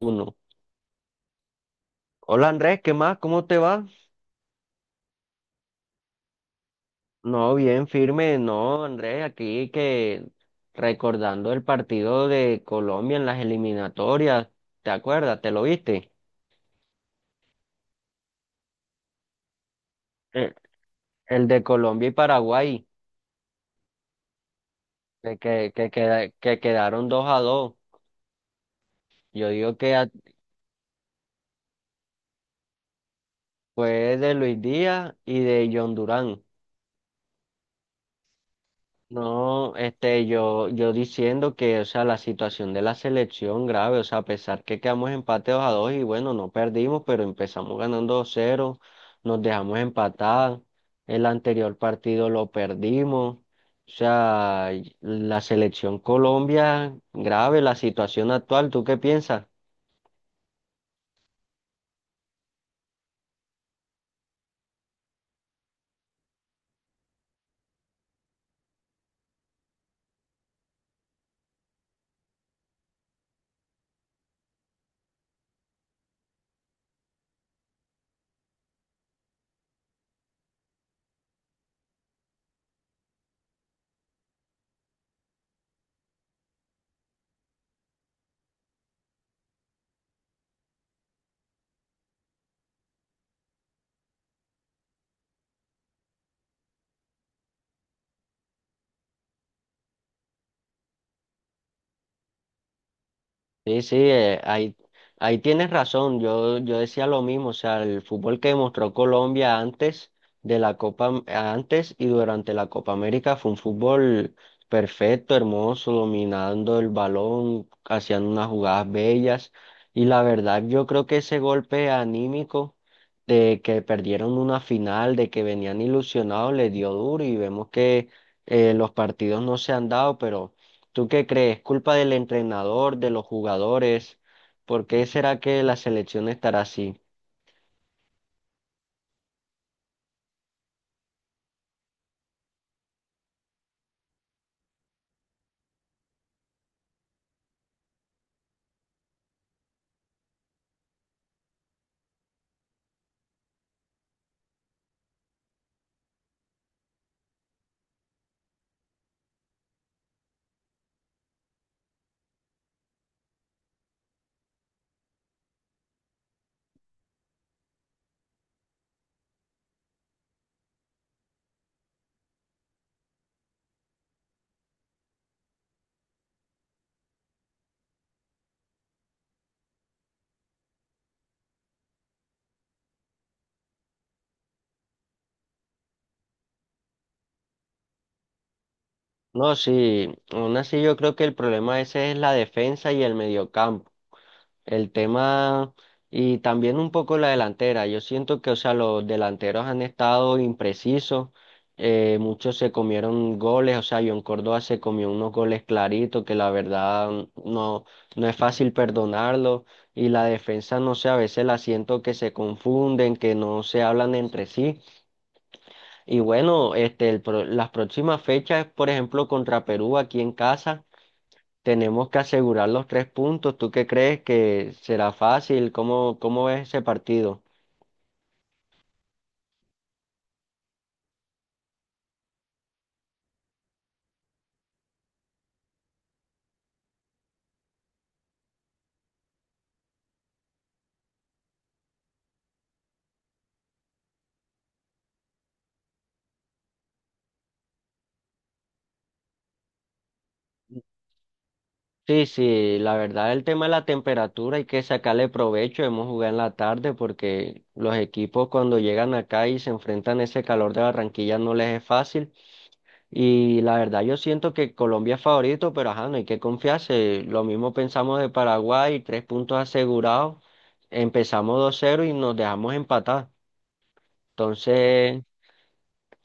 Uno. Hola Andrés, ¿qué más? ¿Cómo te va? No, bien, firme, no, Andrés, aquí que recordando el partido de Colombia en las eliminatorias, ¿te acuerdas? ¿Te lo viste? El, el de Colombia y Paraguay, que quedaron 2-2. Yo digo que a- fue de Luis Díaz y de John Durán. No, yo diciendo que, o sea, la situación de la selección grave, o sea, a pesar que quedamos empateados a dos y bueno, no perdimos, pero empezamos ganando 2-0, nos dejamos empatar, el anterior partido lo perdimos, o sea, y la selección Colombia grave, la situación actual, ¿tú qué piensas? Sí, sí, ahí tienes razón. Yo decía lo mismo, o sea, el fútbol que demostró Colombia antes de la antes y durante la Copa América fue un fútbol perfecto, hermoso, dominando el balón, hacían unas jugadas bellas. Y la verdad, yo creo que ese golpe anímico de que perdieron una final, de que venían ilusionados, les dio duro y vemos que los partidos no se han dado, pero ¿tú qué crees? ¿Culpa del entrenador, de los jugadores? ¿Por qué será que la selección estará así? No, sí, aún así yo creo que el problema ese es la defensa y el mediocampo. El tema y también un poco la delantera. Yo siento que, o sea, los delanteros han estado imprecisos. Muchos se comieron goles, o sea, John Córdoba se comió unos goles claritos que la verdad no, no es fácil perdonarlo. Y la defensa, no sé, a veces la siento que se confunden, que no se hablan entre sí. Y bueno, las próximas fechas, por ejemplo, contra Perú aquí en casa. Tenemos que asegurar los tres puntos. ¿Tú qué crees que será fácil? ¿Cómo ves ese partido? Sí, sí, la verdad el tema de la temperatura hay que sacarle provecho. Hemos jugado en la tarde porque los equipos cuando llegan acá y se enfrentan a ese calor de Barranquilla no les es fácil. Y la verdad yo siento que Colombia es favorito, pero ajá, no hay que confiarse. Lo mismo pensamos de Paraguay, tres puntos asegurados. Empezamos 2-0 y nos dejamos empatar. Entonces.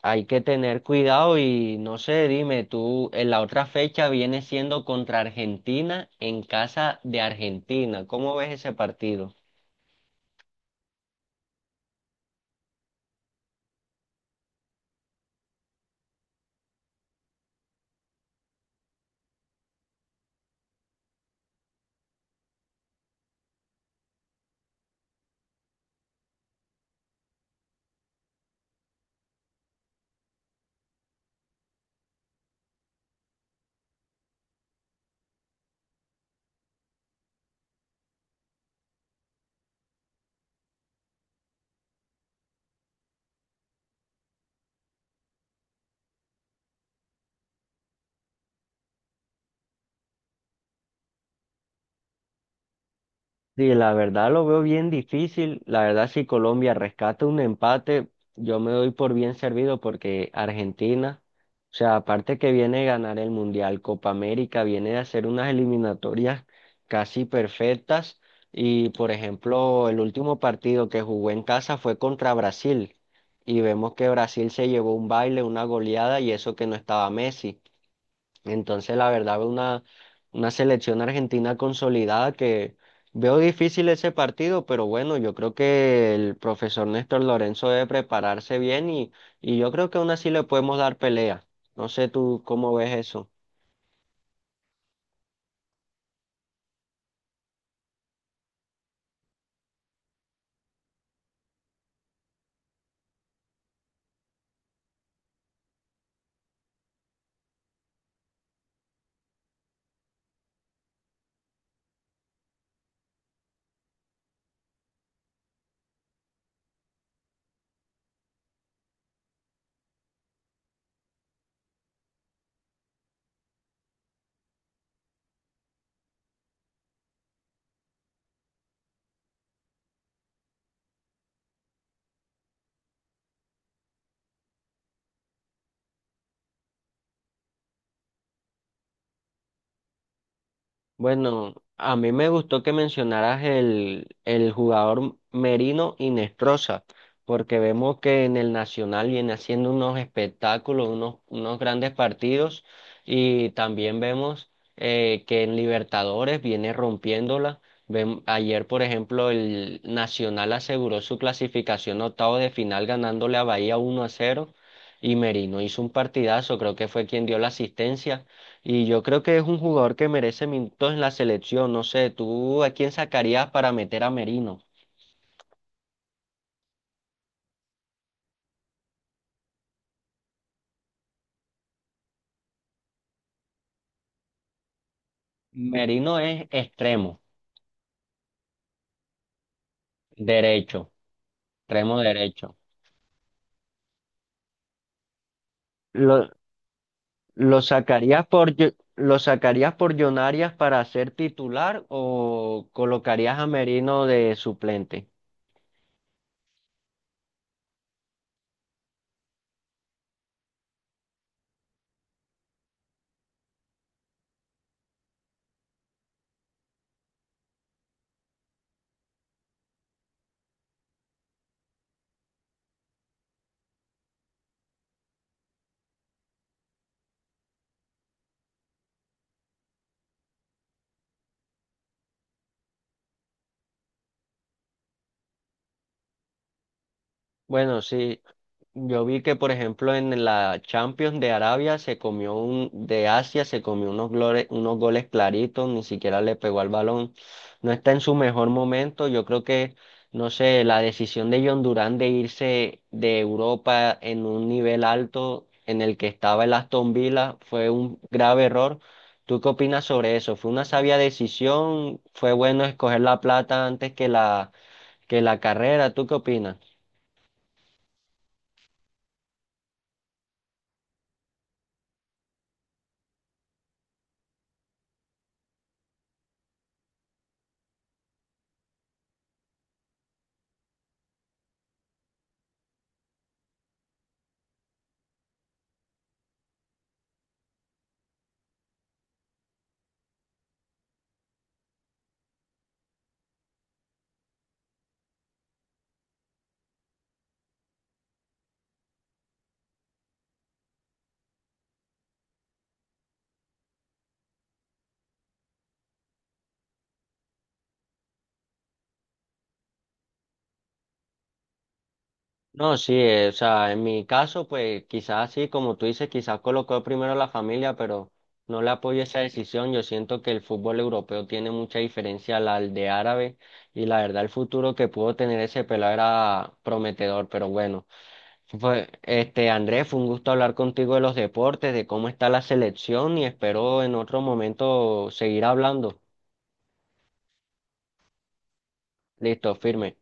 Hay que tener cuidado y no sé, dime tú, en la otra fecha viene siendo contra Argentina en casa de Argentina. ¿Cómo ves ese partido? Sí, la verdad lo veo bien difícil. La verdad, si Colombia rescata un empate, yo me doy por bien servido porque Argentina, o sea, aparte que viene de ganar el Mundial Copa América, viene de hacer unas eliminatorias casi perfectas. Y, por ejemplo, el último partido que jugó en casa fue contra Brasil. Y vemos que Brasil se llevó un baile, una goleada, y eso que no estaba Messi. Entonces, la verdad, una selección argentina consolidada que veo difícil ese partido, pero bueno, yo creo que el profesor Néstor Lorenzo debe prepararse bien y yo creo que aún así le podemos dar pelea. No sé tú cómo ves eso. Bueno, a mí me gustó que mencionaras el jugador Merino y Inestrosa, porque vemos que en el Nacional viene haciendo unos espectáculos, unos grandes partidos, y también vemos que en Libertadores viene rompiéndola. Ayer, por ejemplo, el Nacional aseguró su clasificación a octavo de final ganándole a Bahía 1-0 y Merino hizo un partidazo, creo que fue quien dio la asistencia. Y yo creo que es un jugador que merece minutos en la selección. No sé, ¿tú a quién sacarías para meter a Merino? Merino es extremo, derecho, extremo derecho. ¿Lo, lo sacarías por, Yo- lo sacarías por John Arias para ser titular o colocarías a Merino de suplente? Bueno, sí. Yo vi que, por ejemplo, en la Champions de Arabia se comió un, de Asia se comió unos goles claritos, ni siquiera le pegó al balón. No está en su mejor momento. Yo creo que, no sé, la decisión de John Durán de irse de Europa en un nivel alto en el que estaba el Aston Villa fue un grave error. ¿Tú qué opinas sobre eso? ¿Fue una sabia decisión? ¿Fue bueno escoger la plata antes que la carrera? ¿Tú qué opinas? No, sí, o sea, en mi caso, pues quizás sí, como tú dices, quizás colocó primero la familia, pero no le apoyo esa decisión. Yo siento que el fútbol europeo tiene mucha diferencia al de árabe y la verdad el futuro que pudo tener ese pelado era prometedor, pero bueno. Fue, Andrés, fue un gusto hablar contigo de los deportes, de cómo está la selección y espero en otro momento seguir hablando. Listo, firme.